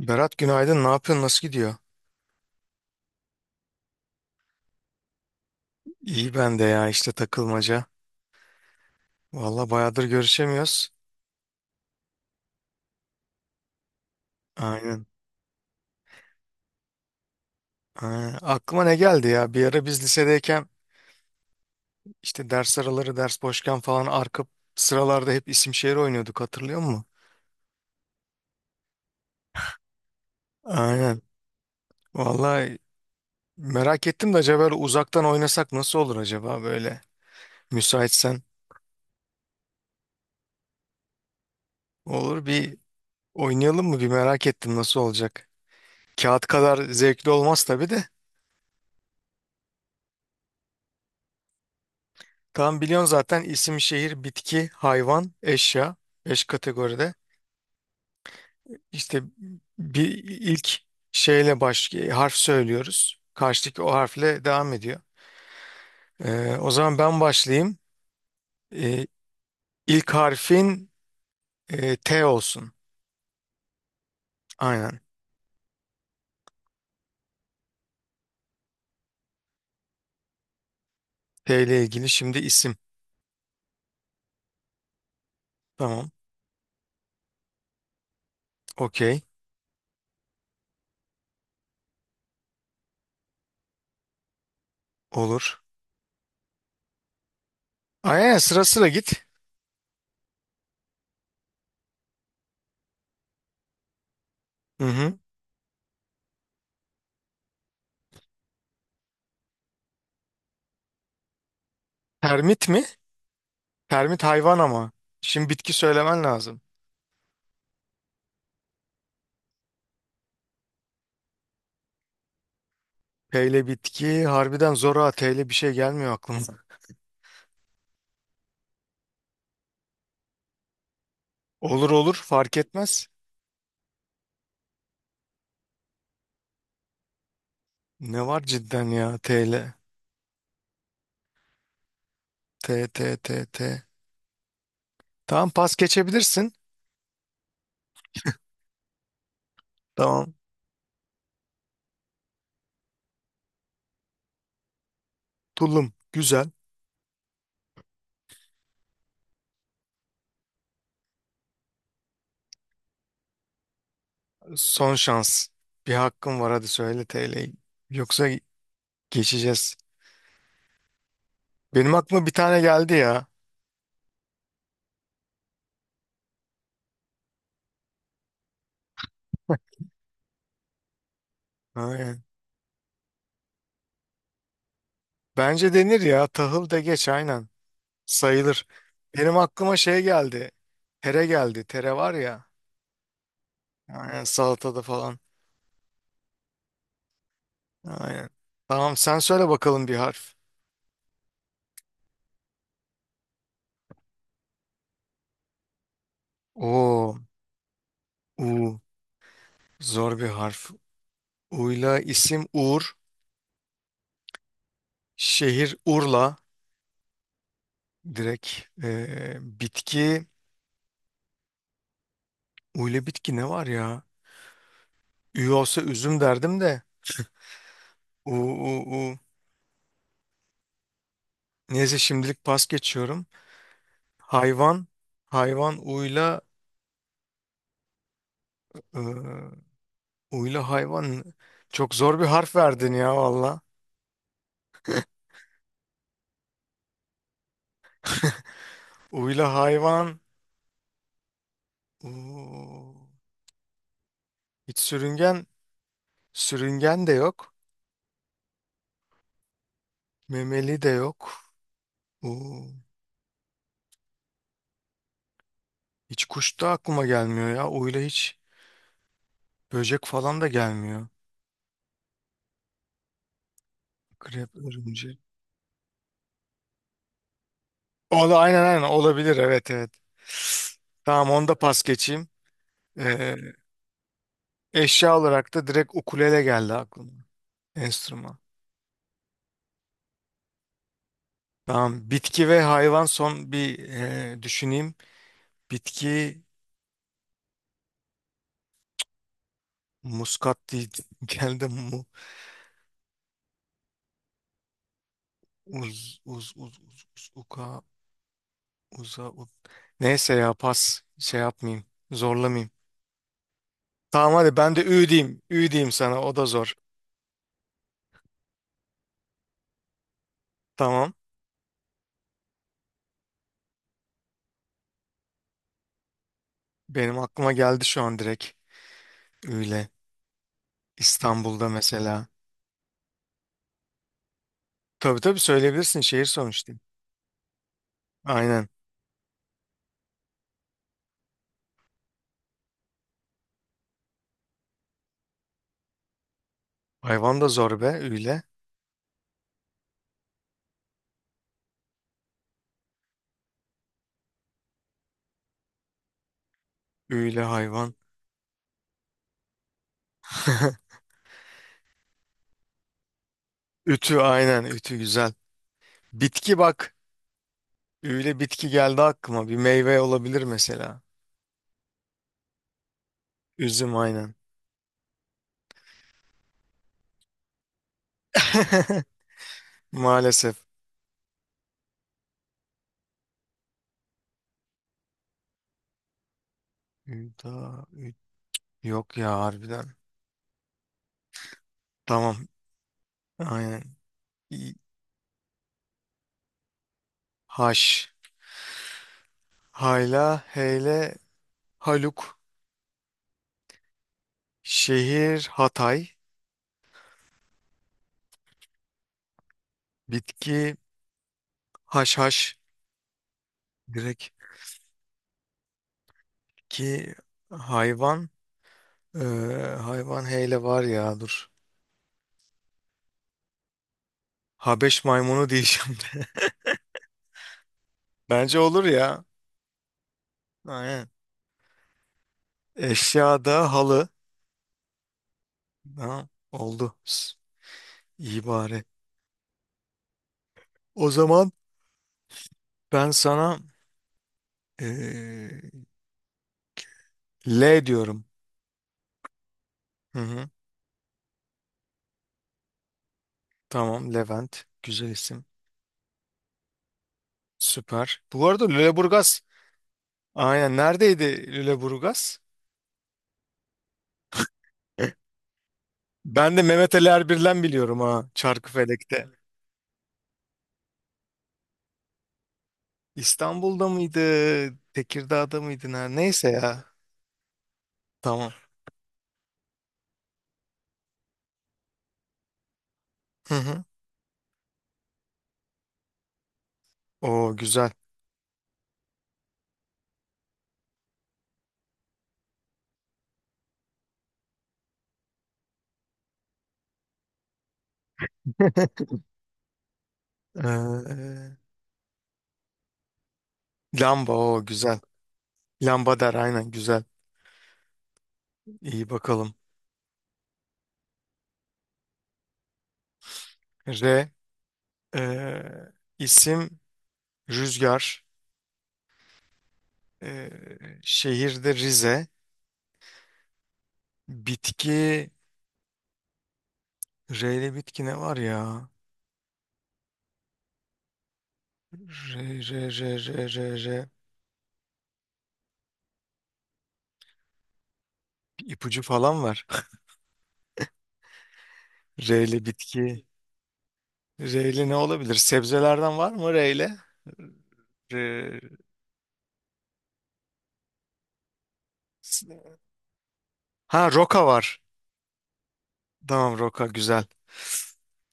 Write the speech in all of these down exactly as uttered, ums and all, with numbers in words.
Berat günaydın. Ne yapıyorsun? Nasıl gidiyor? İyi ben de ya işte takılmaca. Valla bayağıdır görüşemiyoruz. Aynen. Aynen. Aklıma ne geldi ya? Bir ara biz lisedeyken işte ders araları, ders boşken falan arka sıralarda hep isim şehir oynuyorduk hatırlıyor musun? Aynen. Valla merak ettim de acaba böyle uzaktan oynasak nasıl olur acaba böyle? Müsaitsen olur bir oynayalım mı? Bir merak ettim nasıl olacak? Kağıt kadar zevkli olmaz tabii de. Tam biliyorsun zaten isim, şehir, bitki, hayvan, eşya. Beş kategoride. İşte bir ilk şeyle baş harf söylüyoruz. Karşıdaki o harfle devam ediyor. Ee, o zaman ben başlayayım. Ee, ilk harfin e, T olsun. Aynen. T ile ilgili şimdi isim. Tamam. Okey. Olur. Aynen sıra sıra git. Hı hı. Termit mi? Termit hayvan ama. Şimdi bitki söylemen lazım. P ile bitki harbiden zor ha. T ile bir şey gelmiyor aklıma. Olur olur fark etmez. Ne var cidden ya te li. T T T T. Tamam pas geçebilirsin. Tamam. Tulum. Güzel. Son şans. Bir hakkın var hadi söyle te li'yi. Yoksa geçeceğiz. Benim aklıma bir tane geldi ya. Aynen. Bence denir ya. Tahıl de geç aynen. Sayılır. Benim aklıma şey geldi. Tere geldi. Tere var ya. Aynen salatada falan. Aynen. Tamam sen söyle bakalım bir harf. Oo. U. Zor bir harf. Uyla isim Uğur. Şehir Urla. Direkt eee, bitki. Uyla bitki ne var ya? Ü olsa üzüm derdim de. U, u, u. Neyse şimdilik pas geçiyorum. Hayvan. Hayvan uyla. eee, uyla hayvan. Çok zor bir harf verdin ya valla. Uyla hayvan. U. Hiç sürüngen. Sürüngen de yok. Memeli de yok. U. Hiç kuş da aklıma gelmiyor ya. Oyla hiç böcek falan da gelmiyor. Krep, örümcek. O da aynen aynen olabilir. Evet evet. Tamam onu da pas geçeyim. Ee, eşya olarak da direkt ukulele geldi aklıma. Enstrüman. Tamam. Bitki ve hayvan son bir e, düşüneyim. Bitki muskat değil. Geldi mu. Uz, uz, uz, uz, uz, uka, uza, u- Neyse ya pas. Şey yapmayayım. Zorlamayayım. Tamam hadi ben de ü diyeyim. Ü diyeyim sana o da zor. Tamam. Benim aklıma geldi şu an direkt. Öyle. İstanbul'da mesela. Tabii tabii söyleyebilirsin şehir sonuçta. Aynen. Hayvan da zor be. Öyle. Öyle hayvan. Ütü aynen. Ütü güzel. Bitki bak. Öyle bitki geldi aklıma. Bir meyve olabilir mesela. Üzüm aynen. Maalesef. Üda, ü- yok ya harbiden. Tamam. Aynen. İ- Haş. Hayla, heyle, haluk. Şehir Hatay. Bitki haşhaş direkt ki hayvan eee, hayvan heyle var ya dur. Habeş maymunu diyeceğim de. Bence olur ya. Aynen. Eşyada halı. Ha, oldu. S- İyi bari. O zaman ben sana eee, L diyorum. Hı hı. Tamam Levent. Güzel isim. Süper. Bu arada Lüleburgaz. Aynen. Neredeydi Lüleburgaz? Ben de Mehmet Ali Erbil'den biliyorum ha. Çarkıfelek'te. İstanbul'da mıydı? Tekirdağ'da mıydı? ner- Neyse ya. Tamam. Hı hı. Oo güzel. Ee, lamba o güzel. Lamba der aynen güzel. İyi bakalım. R e, isim Rüzgar. E, şehirde Rize. Bitki R ile bitki ne var ya? R R R R R R Bir ipucu falan var. R ile bitki. R ile ne olabilir? Sebzelerden var mı R ile? Ha roka var. Tamam roka güzel.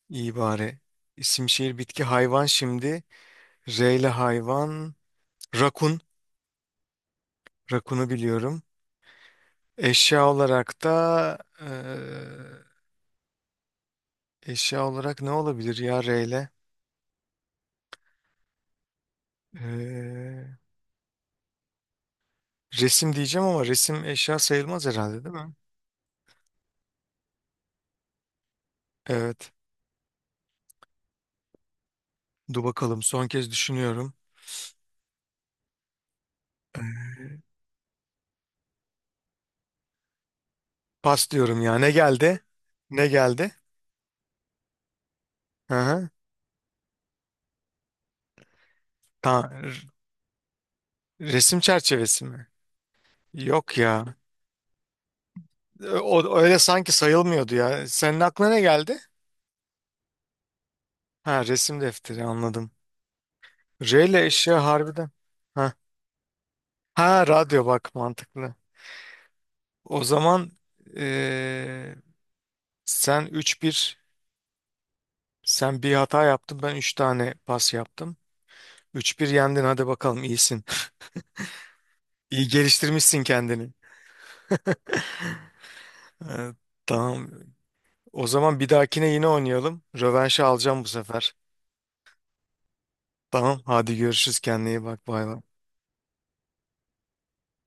İyi bari. İsim şehir bitki hayvan şimdi. R ile hayvan. Rakun. Rakunu biliyorum. Eşya olarak da eee, eşya olarak ne olabilir ya R ile? Eee, resim diyeceğim ama resim eşya sayılmaz herhalde değil mi? Evet. Dur bakalım son kez düşünüyorum. Pas diyorum ya. Ne geldi? Ne geldi? Hı hı. Ta- r- resim çerçevesi mi? Yok ya. E, O, öyle sanki sayılmıyordu ya. Senin aklına ne geldi? Ha resim defteri anladım. R ile eşya harbiden. Ha, ha radyo bak mantıklı. O zaman e, sen üç bir sen bir hata yaptın ben üç tane pas yaptım. Üç bir yendin hadi bakalım iyisin. İyi geliştirmişsin kendini. Evet, tamam. O zaman bir dahakine yine oynayalım. Rövanşı alacağım bu sefer. Tamam hadi görüşürüz kendine iyi bak bay bay.